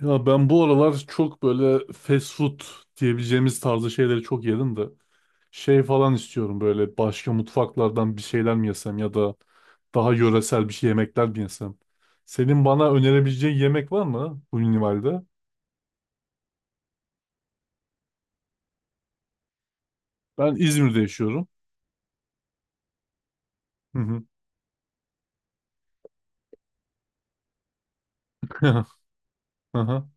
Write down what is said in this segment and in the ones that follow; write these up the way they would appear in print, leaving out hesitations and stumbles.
Ya ben bu aralar çok böyle fast food diyebileceğimiz tarzı şeyleri çok yedim de şey falan istiyorum böyle başka mutfaklardan bir şeyler mi yesem ya da daha yöresel bir şey yemekler mi yesem. Senin bana önerebileceğin yemek var mı bu minimalde? Ben İzmir'de yaşıyorum. Hı hı.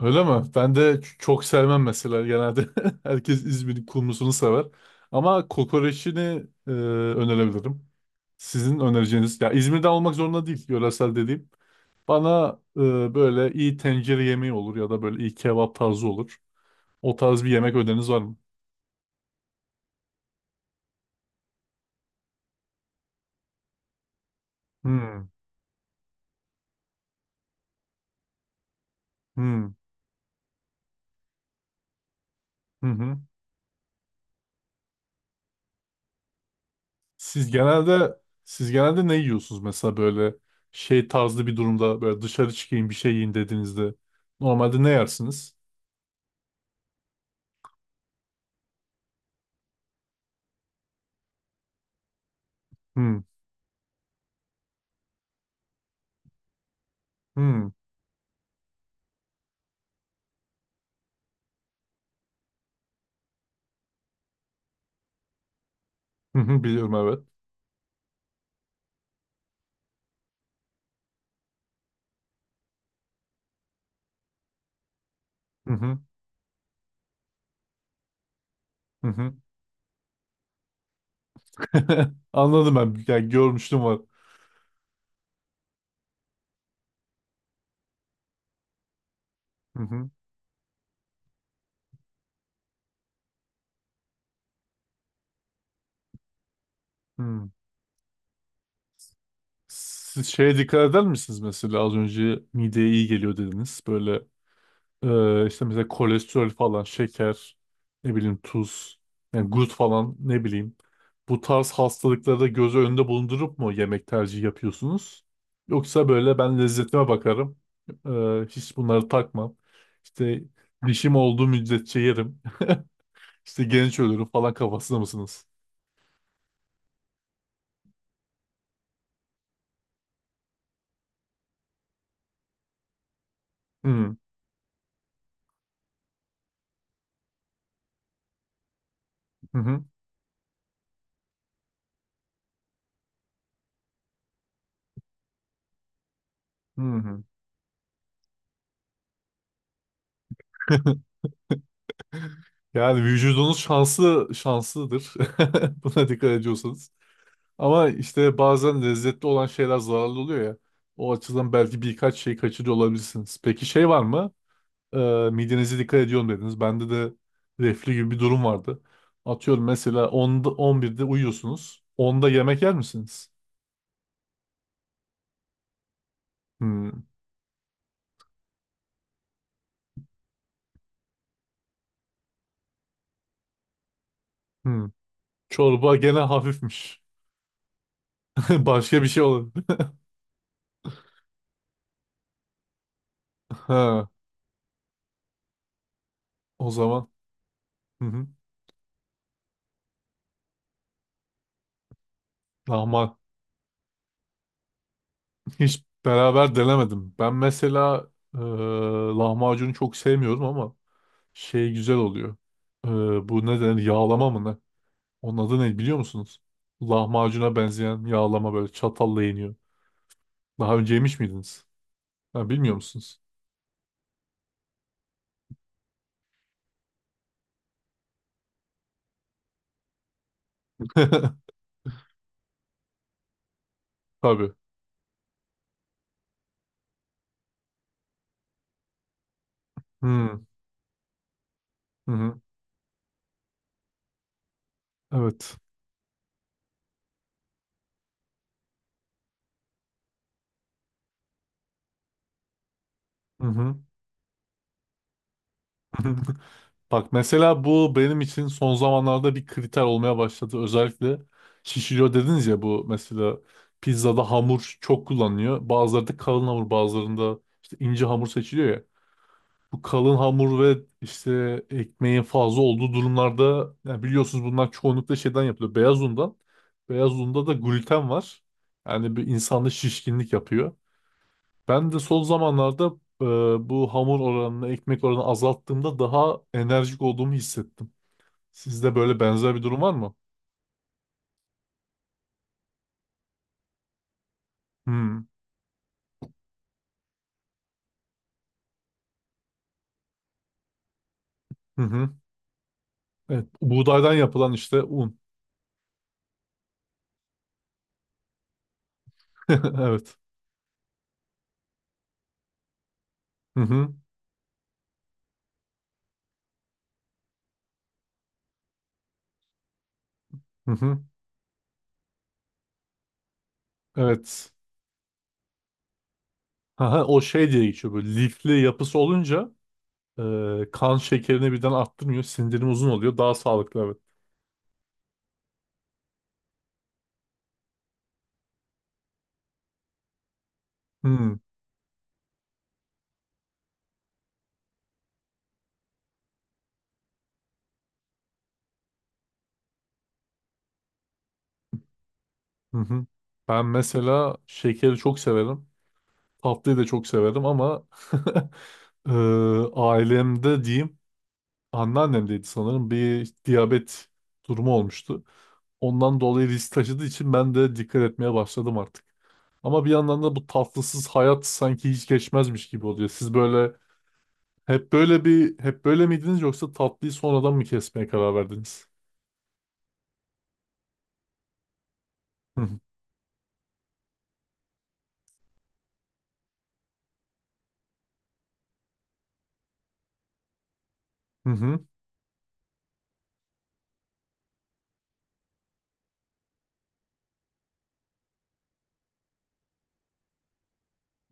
Öyle mi? Ben de çok sevmem mesela genelde. Herkes İzmir'in kumrusunu sever. Ama kokoreçini önerebilirim. Sizin önereceğiniz, ya İzmir'den olmak zorunda değil, yöresel dediğim. Bana e, böyle iyi tencere yemeği olur ya da böyle iyi kebap tarzı olur. O tarz bir yemek öneriniz var mı? Hmm, hmm, hı hı. Siz genelde siz genelde ne yiyorsunuz mesela böyle şey tarzı bir durumda böyle dışarı çıkayım bir şey yiyin dediğinizde normalde ne yersiniz? Hmm. Hmm. Hı hı, biliyorum evet. Hı hı, hı hı. Anladım ben. Yani görmüştüm var. Hı hı, hı. Siz şeye dikkat eder misiniz mesela az önce mideye iyi geliyor dediniz. Böyle işte mesela kolesterol falan, şeker, ne bileyim tuz, yani gut falan ne bileyim. Bu tarz hastalıkları da göz önünde bulundurup mu yemek tercihi yapıyorsunuz? Yoksa böyle ben lezzetime bakarım. E, hiç bunları takmam. İşte dişim olduğu müddetçe yerim. İşte genç ölürüm falan kafasında mısınız? Hı hı hı. Hı hı. Yani vücudunuz şanslı şanslıdır. Buna dikkat ediyorsanız. Ama işte bazen lezzetli olan şeyler zararlı oluyor ya. O açıdan belki birkaç şey kaçırıyor olabilirsiniz. Peki şey var mı? Ee, midenize dikkat ediyorum dediniz. Bende de reflü gibi bir durum vardı. Atıyorum mesela onda on birde uyuyorsunuz. Onda yemek yer misiniz? Hmm, hmm. Çorba gene hafifmiş. Başka bir şey olabilir. O zaman hı hı. Lahmacun hiç beraber denemedim. Ben mesela lahmacunu çok sevmiyorum ama şey güzel oluyor. E, bu ne denir? Yağlama mı ne? Onun adı ne biliyor musunuz? Lahmacuna benzeyen yağlama böyle çatalla yeniyor. Daha önce yemiş miydiniz? Ha, bilmiyor musunuz? Tabii. Hı hı. Hı. Evet. Hı hı. Bak mesela bu benim için son zamanlarda bir kriter olmaya başladı. Özellikle şişiriyor dediniz ya bu mesela pizzada hamur çok kullanılıyor. Bazıları da kalın hamur bazılarında işte ince hamur seçiliyor ya. Bu kalın hamur ve işte ekmeğin fazla olduğu durumlarda yani biliyorsunuz bunlar çoğunlukla şeyden yapılıyor. Beyaz undan. Beyaz unda da gluten var. Yani bir insanda şişkinlik yapıyor. Ben de son zamanlarda e, bu hamur oranını, ekmek oranını azalttığımda daha enerjik olduğumu hissettim. Sizde böyle benzer bir durum var mı? Hmm. Hı hı. Evet. Buğdaydan yapılan işte un. Evet. Hı hı. Hı hı. Evet. Aha, o şey diye geçiyor böyle lifli yapısı olunca kan şekerini birden arttırmıyor. Sindirim uzun oluyor. Daha sağlıklı evet. Hmm. Hı hı. Ben mesela şekeri çok severim. Tatlıyı da çok severim ama eee, ailemde diyeyim anneannemdeydi sanırım bir diyabet durumu olmuştu. Ondan dolayı risk taşıdığı için ben de dikkat etmeye başladım artık. Ama bir yandan da bu tatlısız hayat sanki hiç geçmezmiş gibi oluyor. Siz böyle hep böyle miydiniz yoksa tatlıyı sonradan mı kesmeye karar verdiniz? Hı hı hı.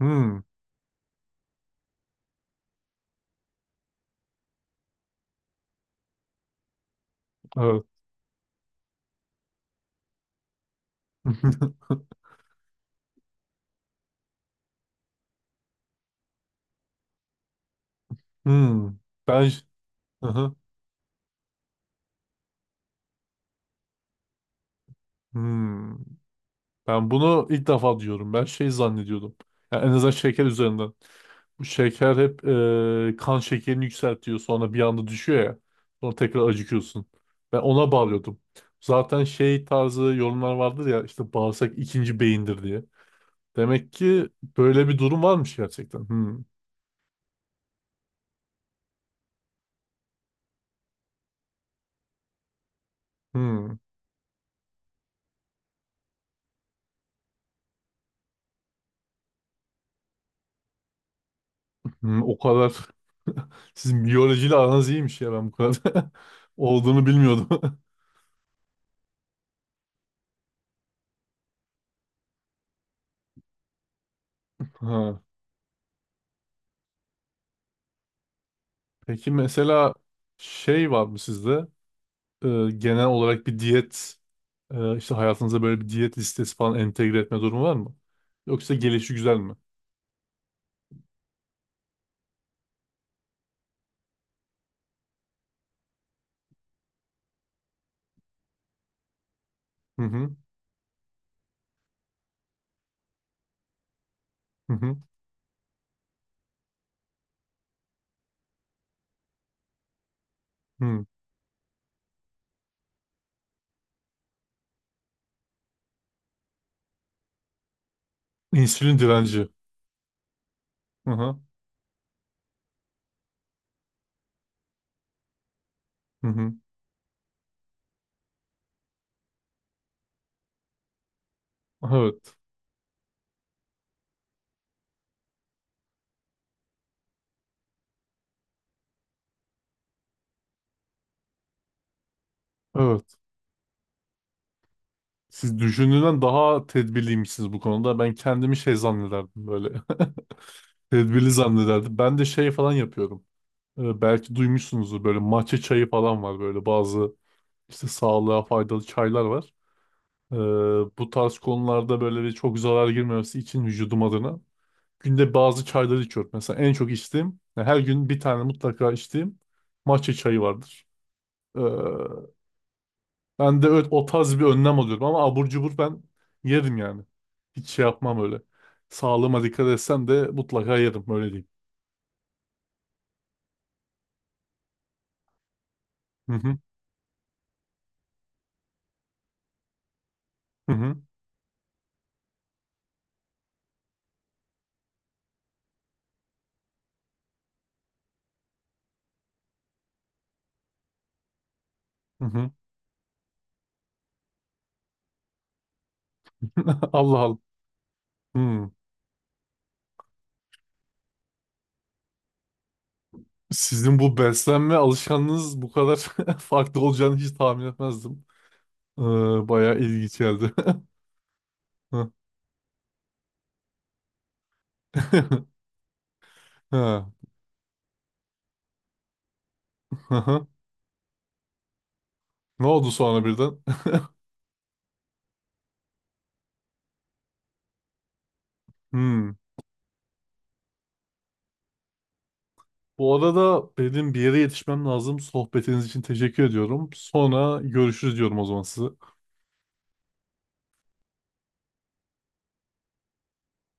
Hı. Hmm, evet. Hmm. Ben hı hı. Hmm. Ben bunu ilk defa diyorum. Ben şey zannediyordum. Yani en azından şeker üzerinden. Bu şeker hep kan şekerini yükseltiyor. Sonra bir anda düşüyor ya. Sonra tekrar acıkıyorsun. Ben ona bağlıyordum. Zaten şey tarzı yorumlar vardır ya işte bağırsak ikinci beyindir diye. Demek ki böyle bir durum varmış gerçekten. Hmm. Hmm. Hmm. O kadar sizin biyolojiyle aranız iyiymiş ya ben bu kadar olduğunu bilmiyordum. Ha. Peki mesela şey var mı sizde? Genel olarak bir diyet işte hayatınıza böyle bir diyet listesi falan entegre etme durumu var mı? Yoksa gelişi güzel mi? Hı hı hı hı. Hı. İnsülin direnci. Hı hı hı hı. Evet. Evet. Siz düşündüğünden daha tedbirliymişsiniz bu konuda. Ben kendimi şey zannederdim böyle. Tedbirli zannederdim. Ben de şey falan yapıyorum. E, belki duymuşsunuzdur böyle matcha çayı falan var böyle bazı işte sağlığa faydalı çaylar var. Ee, bu tarz konularda böyle bir çok zarar girmemesi için vücudum adına günde bazı çayları içiyorum. Mesela en çok içtiğim, yani her gün bir tane mutlaka içtiğim matcha çayı vardır. Ee, ben de öyle, o tarz bir önlem alıyorum ama abur cubur ben yerim yani. Hiç şey yapmam öyle. Sağlığıma dikkat etsem de mutlaka yerim öyle diyeyim. Hı hı hı hı. Hı hı. Allah Allah. Hmm. Sizin bu beslenme alışkanlığınız bu kadar farklı olacağını hiç tahmin etmezdim. Ee, bayağı ilginç geldi. Hı. Ha. Hı hı. Ne oldu sonra birden? Hmm. Bu arada benim bir yere yetişmem lazım. Sohbetiniz için teşekkür ediyorum. Sonra görüşürüz diyorum o zaman size.